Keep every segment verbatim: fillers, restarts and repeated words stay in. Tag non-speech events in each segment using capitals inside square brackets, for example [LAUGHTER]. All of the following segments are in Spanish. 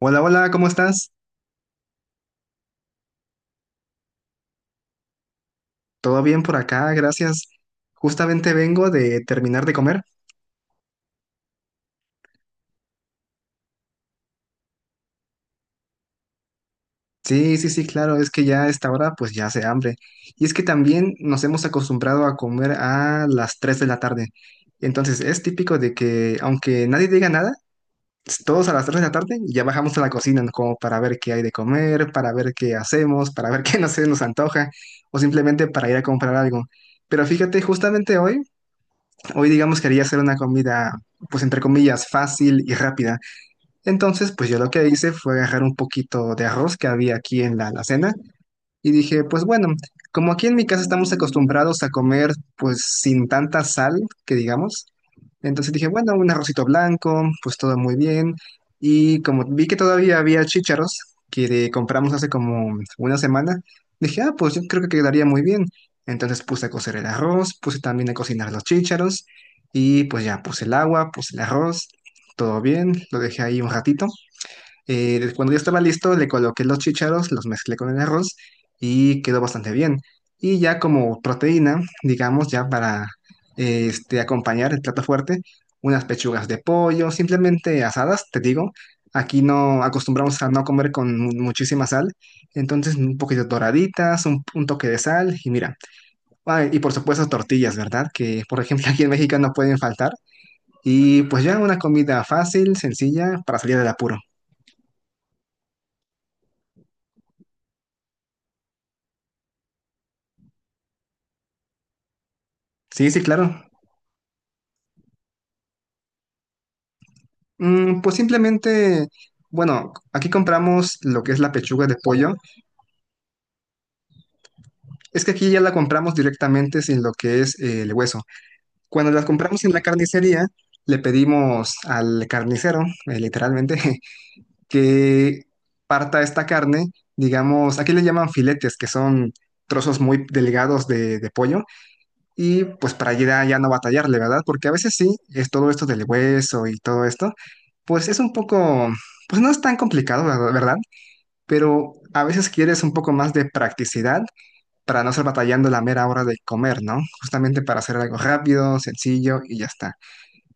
Hola, hola, ¿cómo estás? ¿Todo bien por acá? Gracias. Justamente vengo de terminar de comer. Sí, sí, sí, claro, es que ya a esta hora pues ya hace hambre. Y es que también nos hemos acostumbrado a comer a las tres de la tarde. Entonces es típico de que aunque nadie diga nada, todos a las tres de la tarde ya bajamos a la cocina, ¿no? Como para ver qué hay de comer, para ver qué hacemos, para ver [LAUGHS] qué no se nos antoja o simplemente para ir a comprar algo. Pero fíjate, justamente hoy Hoy digamos quería hacer una comida, pues entre comillas, fácil y rápida. Entonces, pues yo lo que hice fue agarrar un poquito de arroz que había aquí en la alacena y dije, pues bueno, como aquí en mi casa estamos acostumbrados a comer pues sin tanta sal, que digamos, entonces dije, bueno, un arrocito blanco, pues todo muy bien. Y como vi que todavía había chícharos que de- compramos hace como una semana, dije, ah, pues yo creo que quedaría muy bien. Entonces puse a cocer el arroz, puse también a cocinar los chícharos y pues ya puse el agua, puse el arroz, todo bien, lo dejé ahí un ratito. Eh, cuando ya estaba listo, le coloqué los chícharos, los mezclé con el arroz y quedó bastante bien. Y ya como proteína, digamos, ya para eh, este, acompañar el plato fuerte, unas pechugas de pollo, simplemente asadas, te digo. Aquí no acostumbramos a no comer con mu- muchísima sal, entonces un poquito doraditas, un, un toque de sal y mira. Ah, y por supuesto tortillas, ¿verdad? Que por ejemplo [LAUGHS] aquí en México no pueden faltar. Y pues ya una comida fácil, sencilla, para salir del apuro. Sí, sí, claro. Mm, pues simplemente, bueno, aquí compramos lo que es la pechuga de pollo. Es que aquí ya la compramos directamente sin lo que es eh, el hueso. Cuando las compramos en la carnicería, le pedimos al carnicero, eh, literalmente, [LAUGHS] que parta esta carne, digamos, aquí le llaman filetes, que son trozos muy delgados de, de pollo, y pues para ya, ya no batallarle, ¿verdad? Porque a veces sí, es todo esto del hueso y todo esto, pues es un poco, pues no es tan complicado, ¿verdad? Pero a veces quieres un poco más de practicidad para no estar batallando la mera hora de comer, ¿no? Justamente para hacer algo rápido, sencillo y ya está.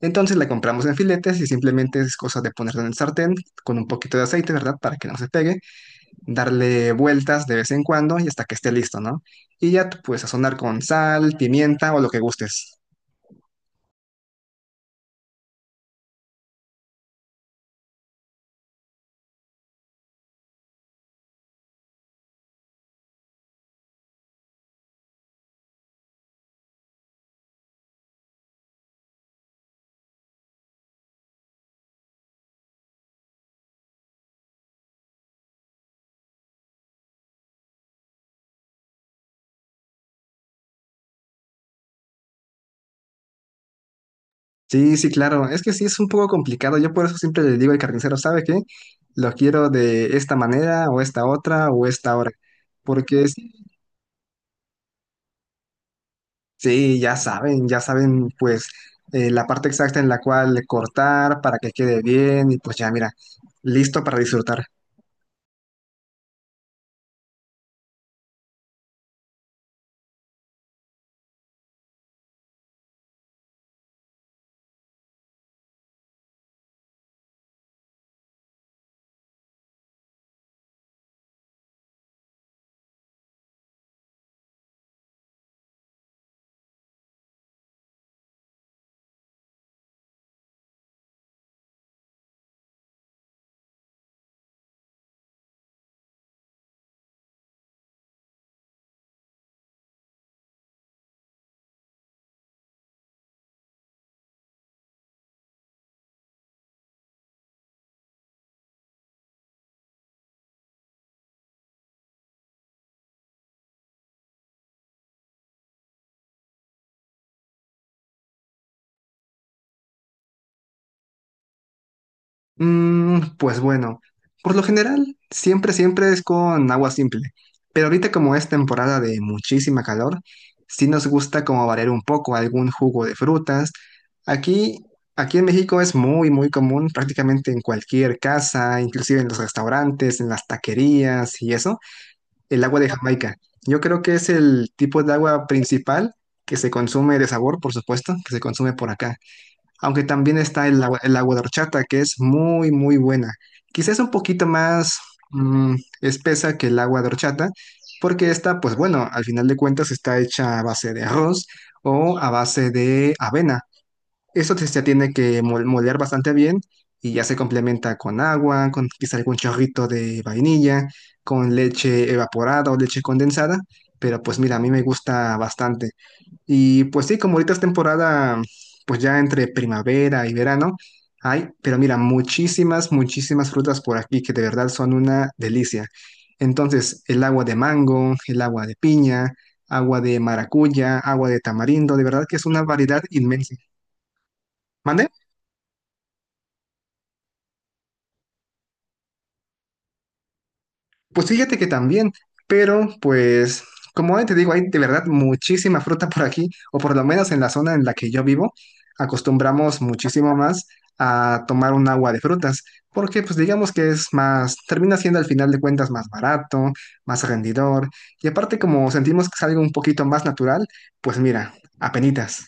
Entonces la compramos en filetes y simplemente es cosa de ponerlo en el sartén con un poquito de aceite, ¿verdad? Para que no se pegue, darle vueltas de vez en cuando y hasta que esté listo, ¿no? Y ya tú puedes sazonar con sal, pimienta o lo que gustes. Sí, sí, claro. Es que sí es un poco complicado. Yo por eso siempre le digo al carnicero, ¿sabe qué? Lo quiero de esta manera o esta otra o esta hora. Porque sí. Sí, ya saben, ya saben, pues eh, la parte exacta en la cual cortar para que quede bien y pues ya, mira, listo para disfrutar. Mm, pues bueno, por lo general, siempre, siempre es con agua simple, pero ahorita como es temporada de muchísima calor, sí nos gusta como variar un poco algún jugo de frutas. Aquí, aquí en México es muy, muy común prácticamente en cualquier casa, inclusive en los restaurantes, en las taquerías y eso. El agua de Jamaica. Yo creo que es el tipo de agua principal que se consume de sabor, por supuesto, que se consume por acá. Aunque también está el agua, el agua de horchata, que es muy, muy buena. Quizás un poquito más mm, espesa que el agua de horchata, porque esta, pues bueno, al final de cuentas está hecha a base de arroz o a base de avena. Eso te- se tiene que mol- moler bastante bien y ya se complementa con agua, con quizá algún chorrito de vainilla, con leche evaporada o leche condensada, pero pues mira, a mí me gusta bastante. Y pues sí, como ahorita es temporada, pues ya entre primavera y verano, hay, pero mira, muchísimas, muchísimas frutas por aquí que de verdad son una delicia. Entonces, el agua de mango, el agua de piña, agua de maracuya, agua de tamarindo, de verdad que es una variedad inmensa. ¿Mande? Pues fíjate que también, pero pues como te digo, hay de verdad muchísima fruta por aquí, o por lo menos en la zona en la que yo vivo, acostumbramos muchísimo más a tomar un agua de frutas, porque pues digamos que es más, termina siendo al final de cuentas más barato, más rendidor, y aparte como sentimos que es algo un poquito más natural, pues mira, apenitas.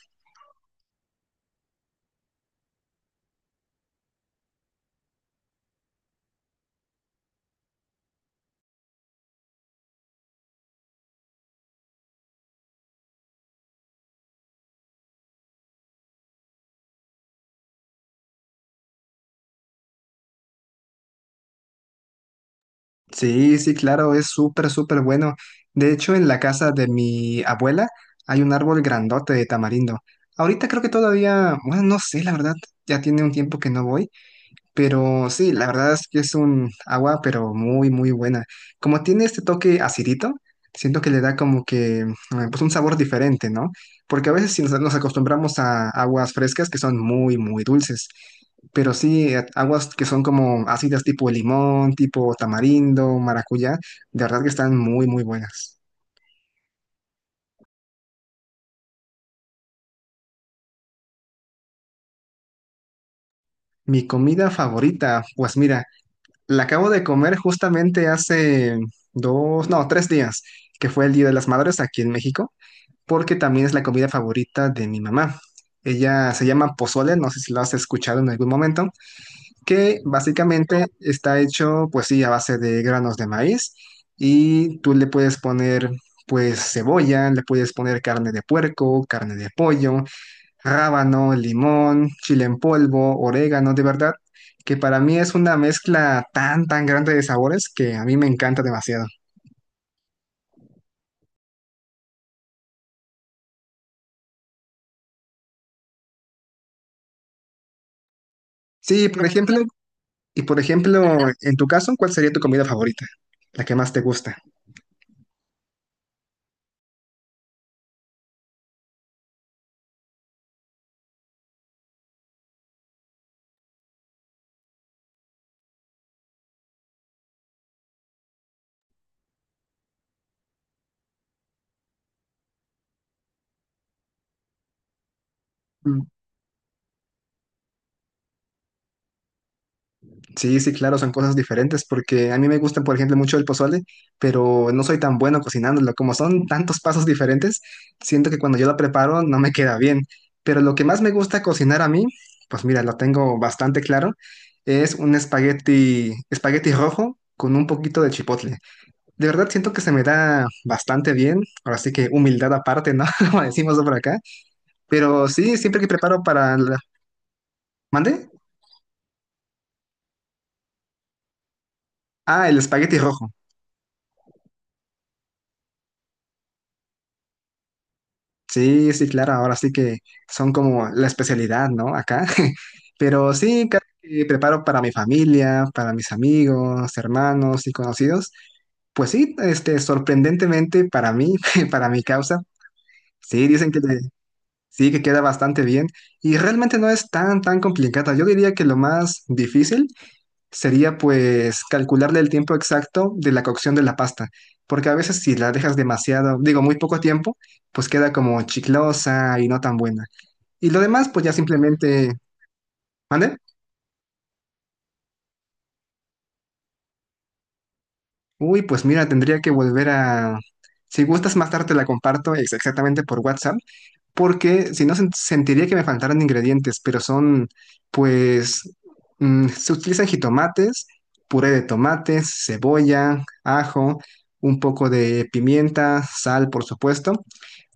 Sí, sí, claro, es súper, súper bueno. De hecho, en la casa de mi abuela hay un árbol grandote de tamarindo. Ahorita creo que todavía, bueno, no sé, la verdad, ya tiene un tiempo que no voy, pero sí, la verdad es que es un agua, pero muy, muy buena. Como tiene este toque acidito, siento que le da como que eh, pues un sabor diferente, ¿no? Porque a veces si nos, nos acostumbramos a aguas frescas que son muy, muy dulces. Pero sí, eh, aguas que son como ácidas tipo limón, tipo tamarindo, maracuyá, de verdad que están muy, muy buenas. Mi comida favorita, pues mira, la acabo de comer justamente hace dos, no, tres días, que fue el Día de las Madres aquí en México. Porque también es la comida favorita de mi mamá. Ella se llama pozole, no sé si lo has escuchado en algún momento, que básicamente está hecho, pues sí, a base de granos de maíz y tú le puedes poner, pues, cebolla, le puedes poner carne de puerco, carne de pollo, rábano, limón, chile en polvo, orégano, de verdad, que para mí es una mezcla tan, tan grande de sabores que a mí me encanta demasiado. Sí, por ejemplo. Y por ejemplo, en tu caso, ¿cuál sería tu comida favorita? La que más te gusta. Mm. Sí, sí, claro, son cosas diferentes porque a mí me gusta, por ejemplo, mucho el pozole, pero no soy tan bueno cocinándolo. Como son tantos pasos diferentes, siento que cuando yo lo preparo no me queda bien. Pero lo que más me gusta cocinar a mí, pues mira, lo tengo bastante claro, es un espagueti, espagueti rojo con un poquito de chipotle. De verdad siento que se me da bastante bien, ahora sí que humildad aparte, ¿no? [LAUGHS] Como decimos por acá. Pero sí, siempre que preparo para la... ¿Mande? Ah, el espagueti rojo. Sí, sí, claro, ahora sí que son como la especialidad, ¿no? Acá. [LAUGHS] Pero sí, cada que preparo para mi familia, para mis amigos, hermanos y conocidos, pues sí, este, sorprendentemente para mí, [LAUGHS] para mi causa, sí, dicen que le-, sí, que queda bastante bien y realmente no es tan, tan complicada. Yo diría que lo más difícil sería pues calcularle el tiempo exacto de la cocción de la pasta, porque a veces si la dejas demasiado, digo, muy poco tiempo, pues queda como chiclosa y no tan buena. Y lo demás, pues ya simplemente, ¿vale? Uy, pues mira, tendría que volver a... Si gustas más tarde te la comparto ex- exactamente por WhatsApp porque si no sen- sentiría que me faltaran ingredientes, pero son, pues, mm, se utilizan jitomates, puré de tomates, cebolla, ajo, un poco de pimienta, sal, por supuesto,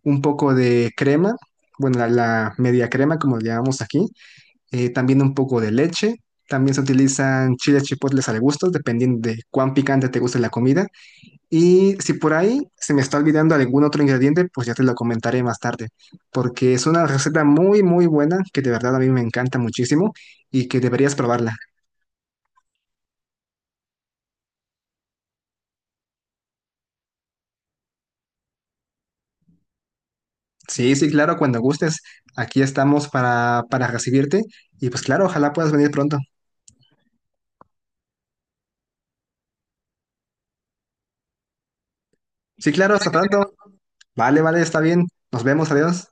un poco de crema, bueno, la, la media crema, como le llamamos aquí, eh, también un poco de leche. También se utilizan chiles chipotles al gusto, dependiendo de cuán picante te guste la comida. Y si por ahí se me está olvidando algún otro ingrediente, pues ya te lo comentaré más tarde, porque es una receta muy, muy buena que de verdad a mí me encanta muchísimo y que deberías probarla. Sí, sí, claro, cuando gustes, aquí estamos para, para recibirte y pues claro, ojalá puedas venir pronto. Sí, claro, hasta pronto. Vale, vale, está bien. Nos vemos, adiós.